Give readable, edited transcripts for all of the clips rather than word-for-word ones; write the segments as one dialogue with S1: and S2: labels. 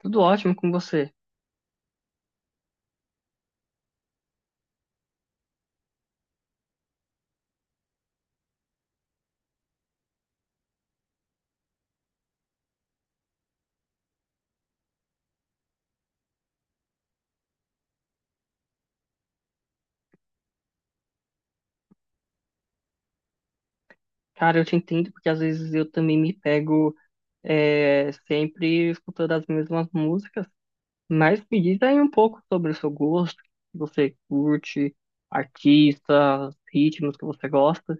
S1: Tudo ótimo com você. Cara, eu te entendo porque às vezes eu também me pego sempre escutando as mesmas músicas, mas me diz aí um pouco sobre o seu gosto, se você curte, artistas, ritmos que você gosta.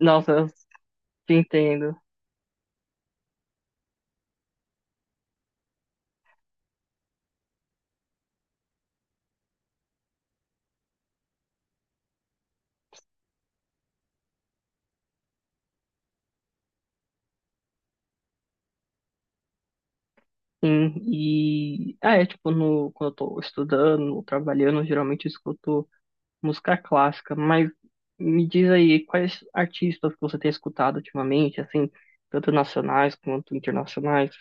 S1: Nossa, eu te entendo. Sim, e é tipo, no, quando eu tô estudando ou trabalhando, geralmente eu escuto música clássica, mas me diz aí quais artistas que você tem escutado ultimamente, assim, tanto nacionais quanto internacionais.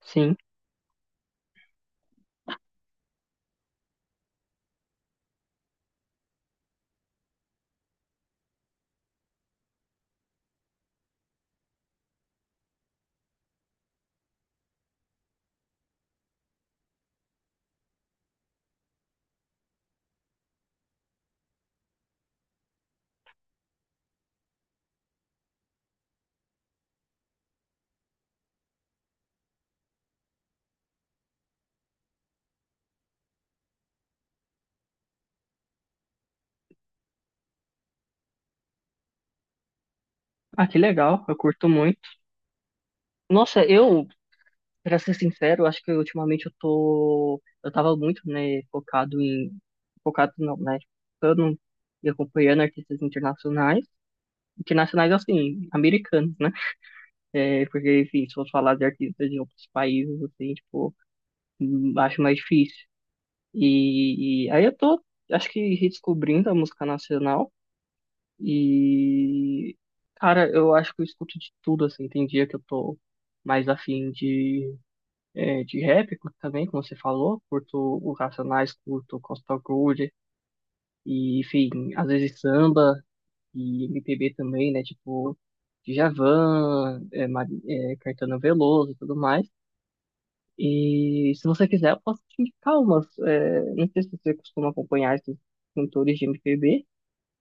S1: Sim. Ah, que legal. Eu curto muito. Nossa, eu, pra ser sincero, acho que ultimamente eu tô. Eu tava muito, né, focado em. Focado não, né? Focando e acompanhando artistas internacionais. Internacionais, assim, americanos, né? É, porque, enfim, se eu falar de artistas de outros países, assim, tipo, acho mais difícil. E aí eu tô, acho que redescobrindo a música nacional. E, cara, eu acho que eu escuto de tudo, assim. Tem dia que eu tô mais afim de, de rap curto também, como você falou. Curto o Racionais, curto o Costa Groove. E, enfim, às vezes samba e MPB também, né? Tipo, Djavan, é, Caetano Veloso e tudo mais. E se você quiser, eu posso te indicar umas. É, não sei se você costuma acompanhar esses cantores de MPB,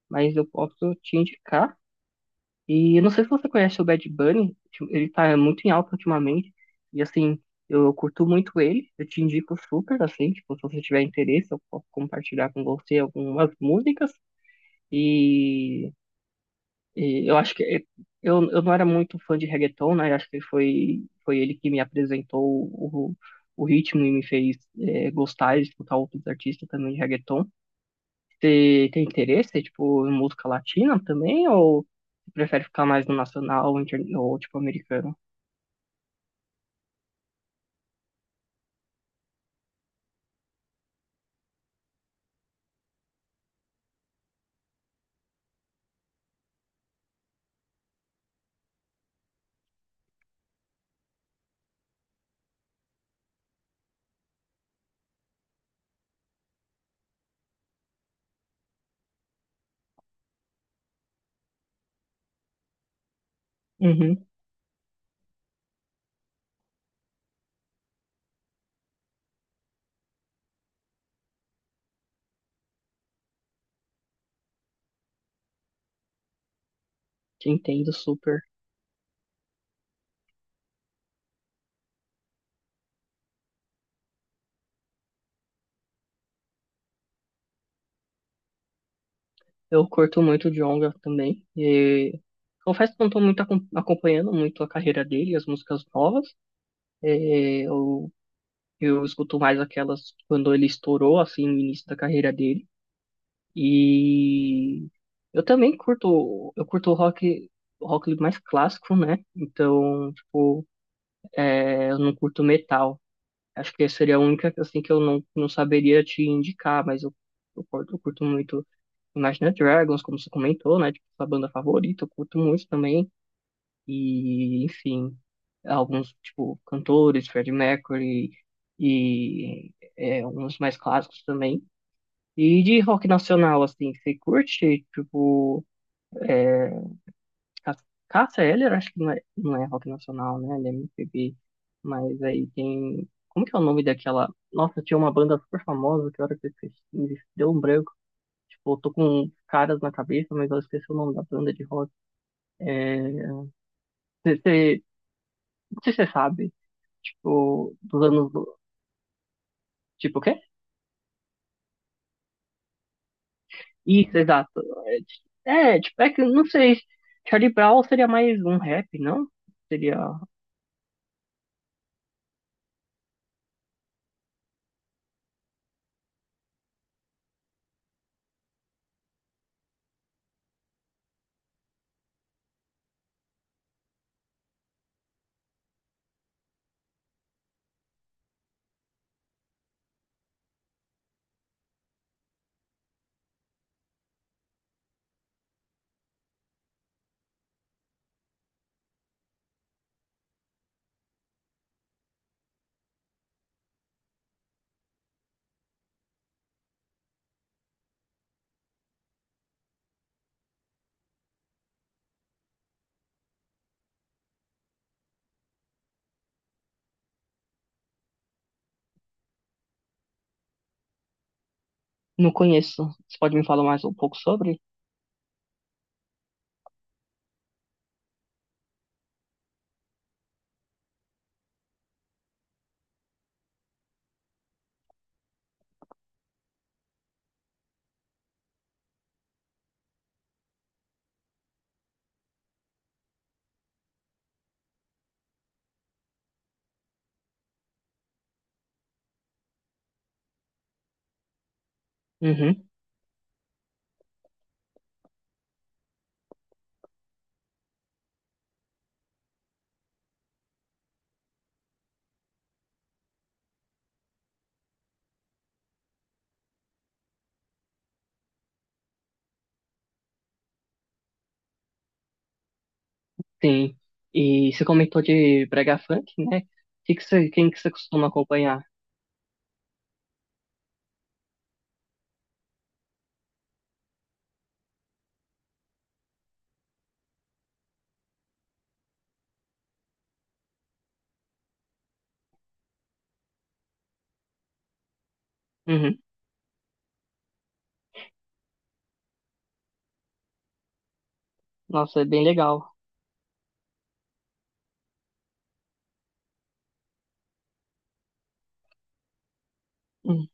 S1: mas eu posso te indicar. E não sei se você conhece o Bad Bunny, tipo, ele tá muito em alta ultimamente. E assim, eu curto muito ele, eu te indico super, assim, tipo, se você tiver interesse, eu posso compartilhar com você algumas músicas. E, e eu acho que é, eu não era muito fã de reggaeton, né? Eu acho que foi, foi ele que me apresentou o, o ritmo e me fez gostar de escutar outros artistas também de reggaeton. Você tem interesse, tipo, em música latina também? Ou você prefere ficar mais no nacional ou, tipo, americano? Uhum, te entendo super. Eu curto muito o Djonga também. E confesso que não estou muito acompanhando muito a carreira dele, as músicas novas. É, eu escuto mais aquelas quando ele estourou, assim, no início da carreira dele. E eu também curto, eu curto o rock mais clássico, né? Então, tipo, é, eu não curto metal. Acho que seria a única assim que eu não, não saberia te indicar, mas eu curto muito Imagine Dragons, como você comentou, né? Tipo, sua banda favorita, eu curto muito também. E, enfim, alguns, tipo, cantores, Freddie Mercury e uns mais clássicos também. E de rock nacional, assim, você curte, tipo, é, Ca- Cássia Eller, acho que não é, não é rock nacional, né? Ele é MPB. Mas aí tem. Como que é o nome daquela. Nossa, tinha uma banda super famosa que eu era que eu esqueci, me deu um branco. Tipo, eu tô com caras na cabeça, mas eu esqueci o nome da banda de rock. É... cê- cê- Não sei se você sabe. Tipo, dos anos. Tipo, o quê? Isso, exato. É, tipo, é que eu não sei. Charlie Brown seria mais um rap, não? Seria. Não conheço. Você pode me falar mais um pouco sobre? Uhum. Sim. E você comentou de brega funk, né? Quem que você costuma acompanhar? Uhum. Nossa, é bem legal. Hum.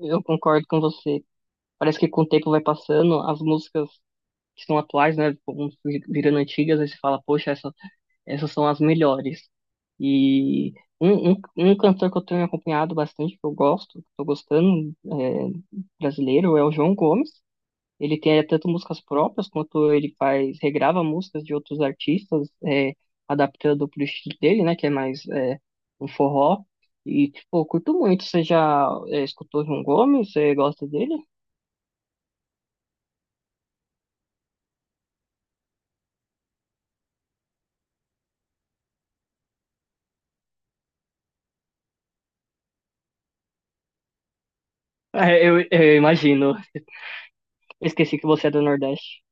S1: Eu concordo com você. Parece que com o tempo vai passando, as músicas que são atuais, né, vão virando antigas, aí você fala, poxa, essa, essas são as melhores. E um cantor que eu tenho acompanhado bastante, que eu gosto, que eu tô gostando, é, brasileiro, é o João Gomes. Ele tem tanto músicas próprias quanto ele faz, regrava músicas de outros artistas, é, adaptando pro estilo dele, né? Que é mais um forró. E, tipo, eu curto muito. Você já escutou João Gomes? Você gosta dele? É, eu imagino. Eu esqueci que você é do Nordeste.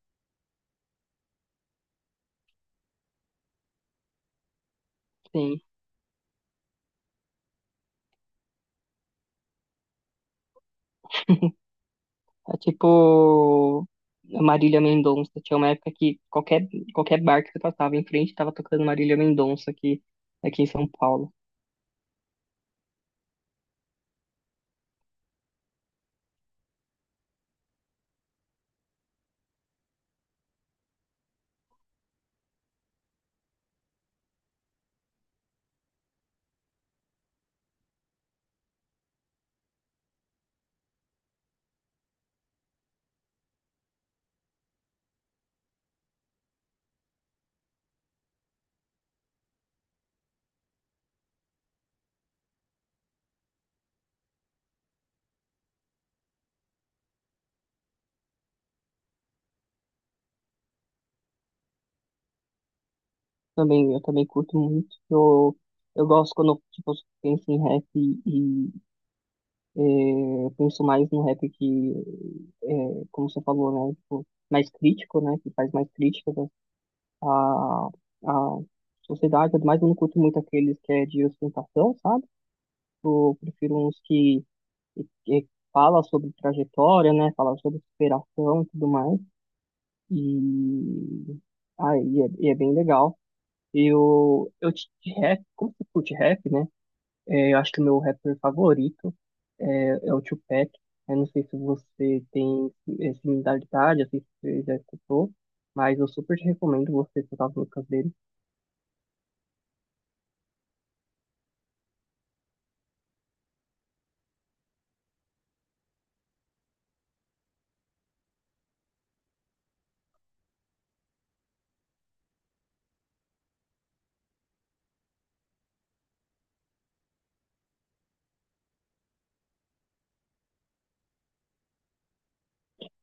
S1: Sim. É tipo a Marília Mendonça. Tinha uma época que qualquer, qualquer bar que você passava em frente estava tocando Marília Mendonça aqui, aqui em São Paulo. Também, eu também curto muito. Eu gosto quando tipo, eu penso em rap e eu penso mais no rap que, é, como você falou, né? Tipo, mais crítico, né? Que faz mais críticas à, à sociedade. Mas eu não curto muito aqueles que é de ostentação, sabe? Eu prefiro uns que fala sobre trajetória, né? Fala sobre superação e tudo mais. E, e é bem legal. Eu de rap, como você curte rap, né? É, eu acho que o meu rapper favorito é, é o Tupac. Eu não sei se você tem similaridade, assim, se você já escutou, mas eu super te recomendo você escutar as músicas dele.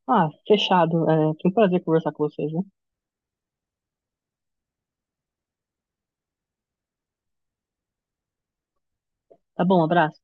S1: Ah, fechado. É, foi um prazer conversar com vocês, né? Tá bom, abraço.